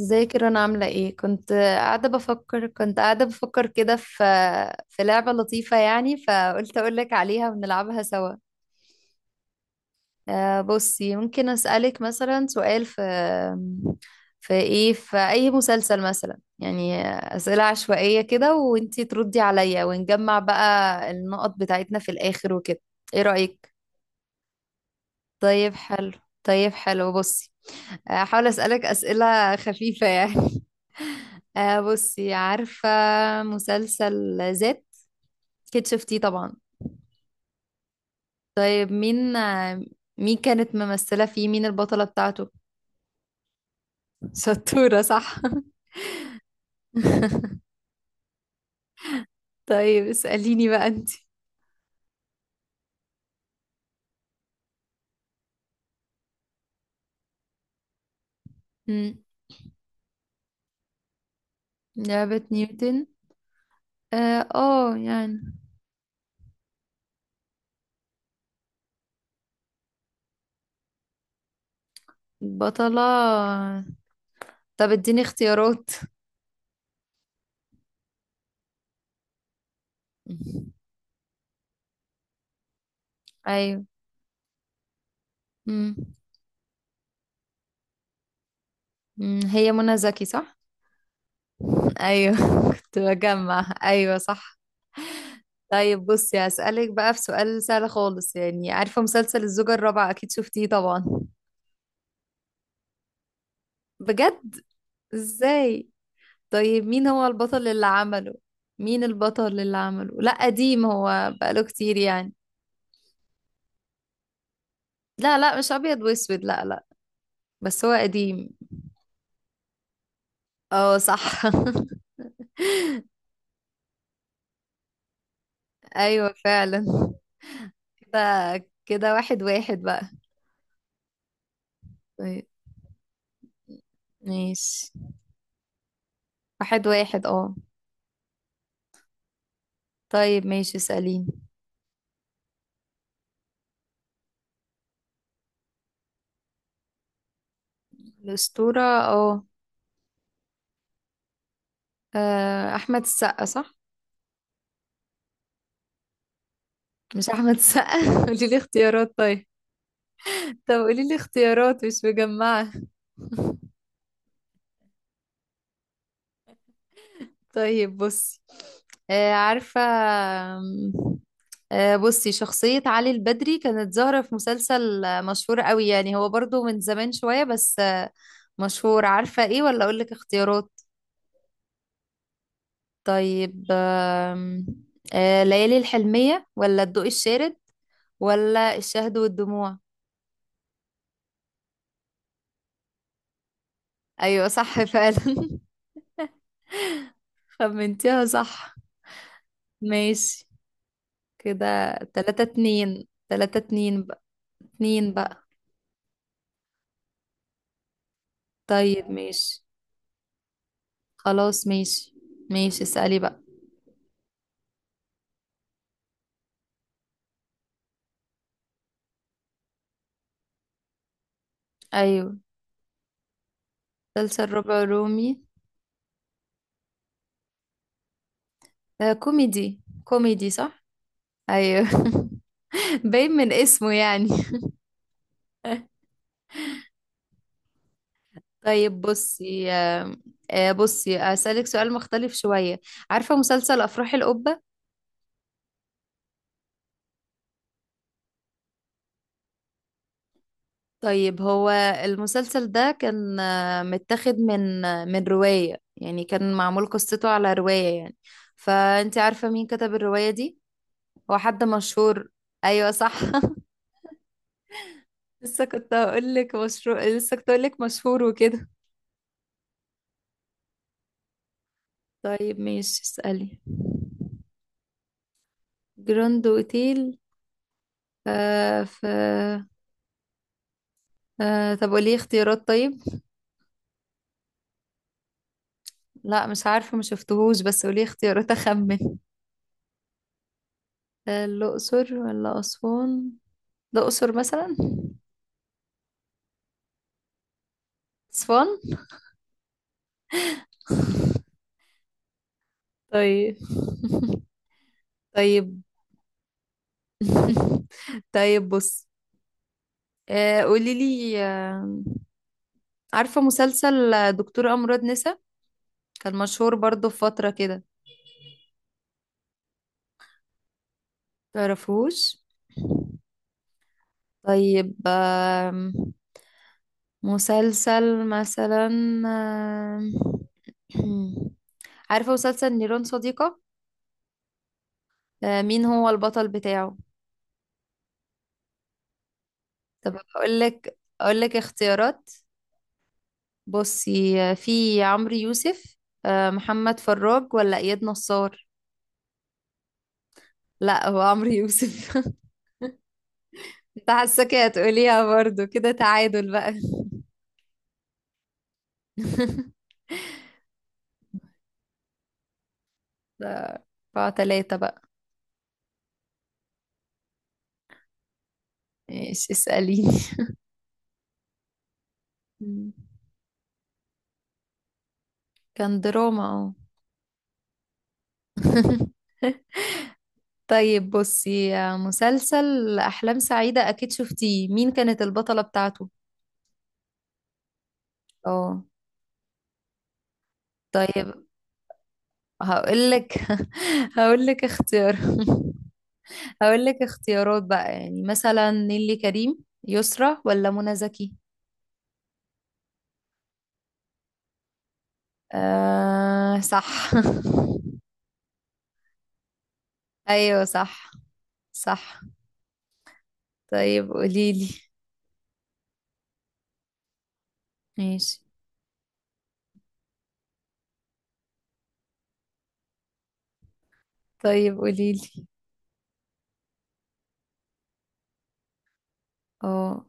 ازيك، انا عاملة ايه؟ كنت قاعدة بفكر كده في لعبة لطيفة يعني، فقلت اقولك عليها ونلعبها سوا. بصي، ممكن اسألك مثلا سؤال في اي مسلسل مثلا يعني، اسئلة عشوائية كده وانتي تردي عليا ونجمع بقى النقط بتاعتنا في الاخر وكده. ايه رأيك؟ طيب حلو. بصي، احاول اسالك اسئله خفيفه يعني. بصي، عارفه مسلسل ذات؟ اكيد شفتيه طبعا. طيب مين كانت ممثله فيه؟ مين البطله بتاعته؟ شطوره صح. طيب اساليني بقى انت. مم. لعبه نيوتن. اه يعني. البطله، طب اديني اختيارات. ايوه. مم. هي منى زكي صح؟ ايوه. كنت بجمع، ايوه صح. طيب بصي هسألك بقى في سؤال سهل خالص يعني، عارفة مسلسل الزوجة الرابعة؟ اكيد شفتيه طبعا. بجد؟ ازاي؟ طيب مين هو البطل اللي عمله؟ مين البطل اللي عمله؟ لا قديم، هو بقاله كتير يعني. لا لا، مش ابيض واسود، لا لا. بس هو قديم. اه صح. ايوه فعلا. كده كده واحد واحد بقى. طيب ماشي. واحد واحد اه. طيب ماشي، اسأليني. الأسطورة اه. أحمد السقا صح؟ مش أحمد السقا. قولي لي اختيارات طيب. طب قولي لي اختيارات مش مجمعة. طيب بصي، عارفة، آم، آه، بصي، شخصية علي البدري كانت ظاهرة في مسلسل مشهور قوي يعني، هو برضو من زمان شوية بس مشهور. عارفة ايه ولا أقولك اختيارات؟ طيب آم، آه، ليالي الحلمية ولا الضوء الشارد ولا الشهد والدموع؟ ايوه صح فعلا. خمنتيها صح. ماشي. كده تلاتة اتنين، تلاتة اتنين بقى. اتنين بقى. طيب ماشي. خلاص ماشي. ماشي اسألي بقى. ايوه. مسلسل ربع رومي. ده كوميدي كوميدي صح. ايوه. باين من اسمه يعني. طيب بصي آه، آه، بصي اسألك سؤال مختلف شوية. عارفة مسلسل افراح القبة؟ طيب، هو المسلسل ده كان متاخد من رواية يعني، كان معمول قصته على رواية يعني، فانت عارفة مين كتب الرواية دي؟ هو حد مشهور. ايوه صح. لسه كنت هقول لك مشهور وكده. طيب ماشي، اسألي. جراند اوتيل. آه ف آه طب قولي اختيارات طيب. لا مش عارفة، ما شفتهوش، بس قولي اختيارات اخمن. آه الأقصر ولا أسوان؟ الأقصر مثلا. It's fun. طيب. طيب. طيب بص. آه قولي لي آه. عارفة مسلسل دكتور أمراض نسا؟ كان مشهور برضو في فترة كده. تعرفوش؟ طيب مسلسل مثلا، آم، عارفة مسلسل نيران صديقة؟ آه، مين هو البطل بتاعه؟ طب أقول لك اختيارات. بصي في عمرو يوسف، محمد فراج، ولا اياد نصار. لا هو عمرو يوسف. انت حاساكي هتقوليها برضو، كده تعادل بقى. ده اربعة تلاتة بقى. ايش، اسأليني. مم. كان دراما اه. طيب بصي مسلسل أحلام سعيدة أكيد شفتيه، مين كانت البطلة بتاعته؟ اه، طيب هقولك. هقولك اختيار. هقول لك اختيارات بقى، يعني مثلا نيلي كريم، يسرا، ولا منى زكي. آه صح. ايوه صح. صح. طيب قوليلي. ماشي. طيب قوليلي. اه،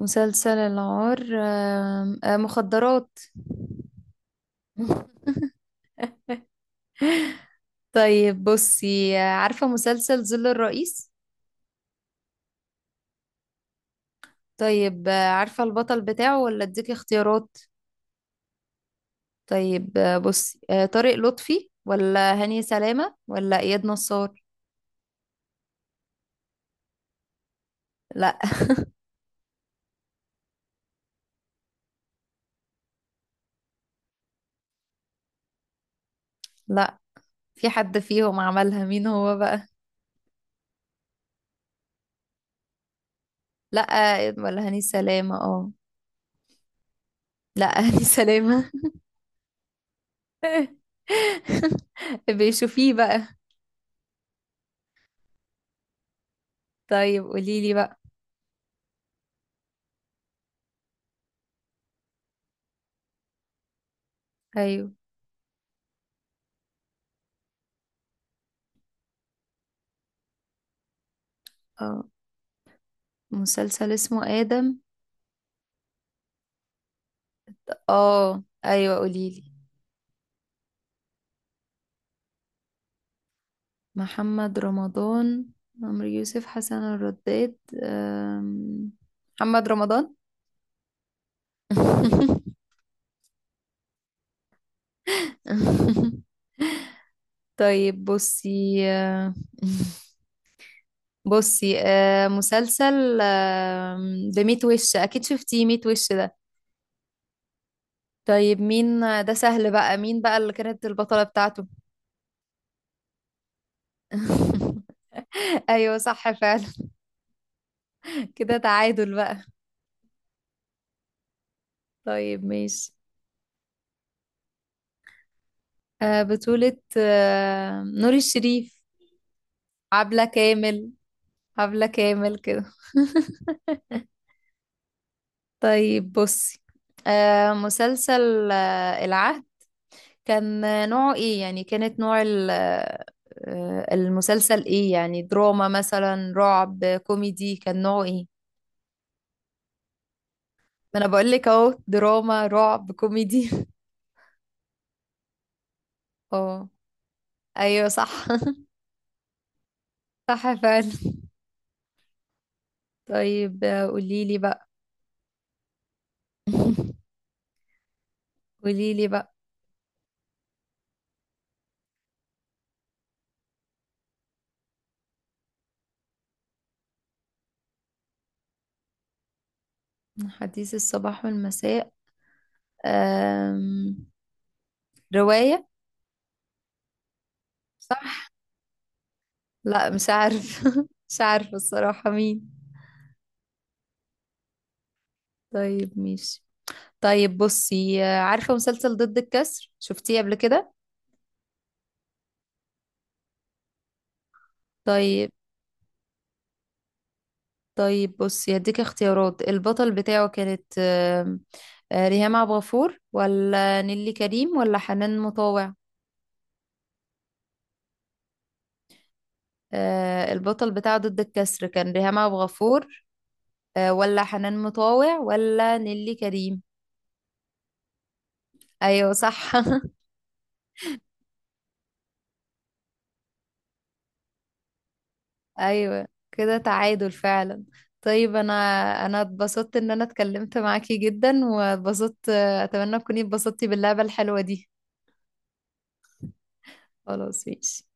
مسلسل العار، آم، آه مخدرات. طيب بصي، عارفة مسلسل ظل الرئيس؟ طيب عارفة البطل بتاعه، ولا اديكي اختيارات؟ طيب بصي، طارق لطفي ولا هاني سلامة ولا اياد نصار. لا. لا، في حد فيهم عملها، مين هو بقى؟ لا، ولا هاني سلامة اه. لا هاني سلامة. بيشوفيه بقى. طيب قوليلي بقى. ايوه. اه، مسلسل اسمه آدم. اه، ايوه قوليلي. محمد رمضان، عمرو يوسف، حسن الرداد. أم، محمد رمضان. طيب بصي بصي مسلسل ده، ميت وش اكيد شفتيه، ميت وش ده. طيب مين، ده سهل بقى، مين بقى اللي كانت البطلة بتاعته؟ ايوه صح فعلا. كده تعادل بقى. طيب ماشي. بطولة نور الشريف. عبلة كامل. عبلة كامل كده. طيب بصي مسلسل العهد، كان نوعه ايه يعني، كانت نوع المسلسل ايه يعني، دراما مثلا، رعب، كوميدي، كان نوعه ايه؟ ما انا بقول لك اهو، دراما رعب كوميدي. اه، ايوه صح. صح فعلا. طيب قولي لي بقى. قولي لي بقى. حديث الصباح والمساء. أم... رواية. صح. لا مش عارف. مش عارفة الصراحة مين. طيب ماشي. طيب بصي، عارفة مسلسل ضد الكسر؟ شفتيه قبل كده؟ طيب. طيب بصي هديك اختيارات، البطل بتاعه كانت آم، آه، ريهام عبد الغفور ولا نيلي كريم ولا حنان مطاوع. البطل بتاعه ضد الكسر، كان ريهام عبد الغفور ولا حنان مطاوع ولا نيلي كريم. ايوه صح. ايوه كده تعادل فعلا. طيب انا اتبسطت ان انا اتكلمت معاكي جدا، واتبسطت، اتمنى تكوني اتبسطتي باللعبة الحلوة دي. خلاص ماشي.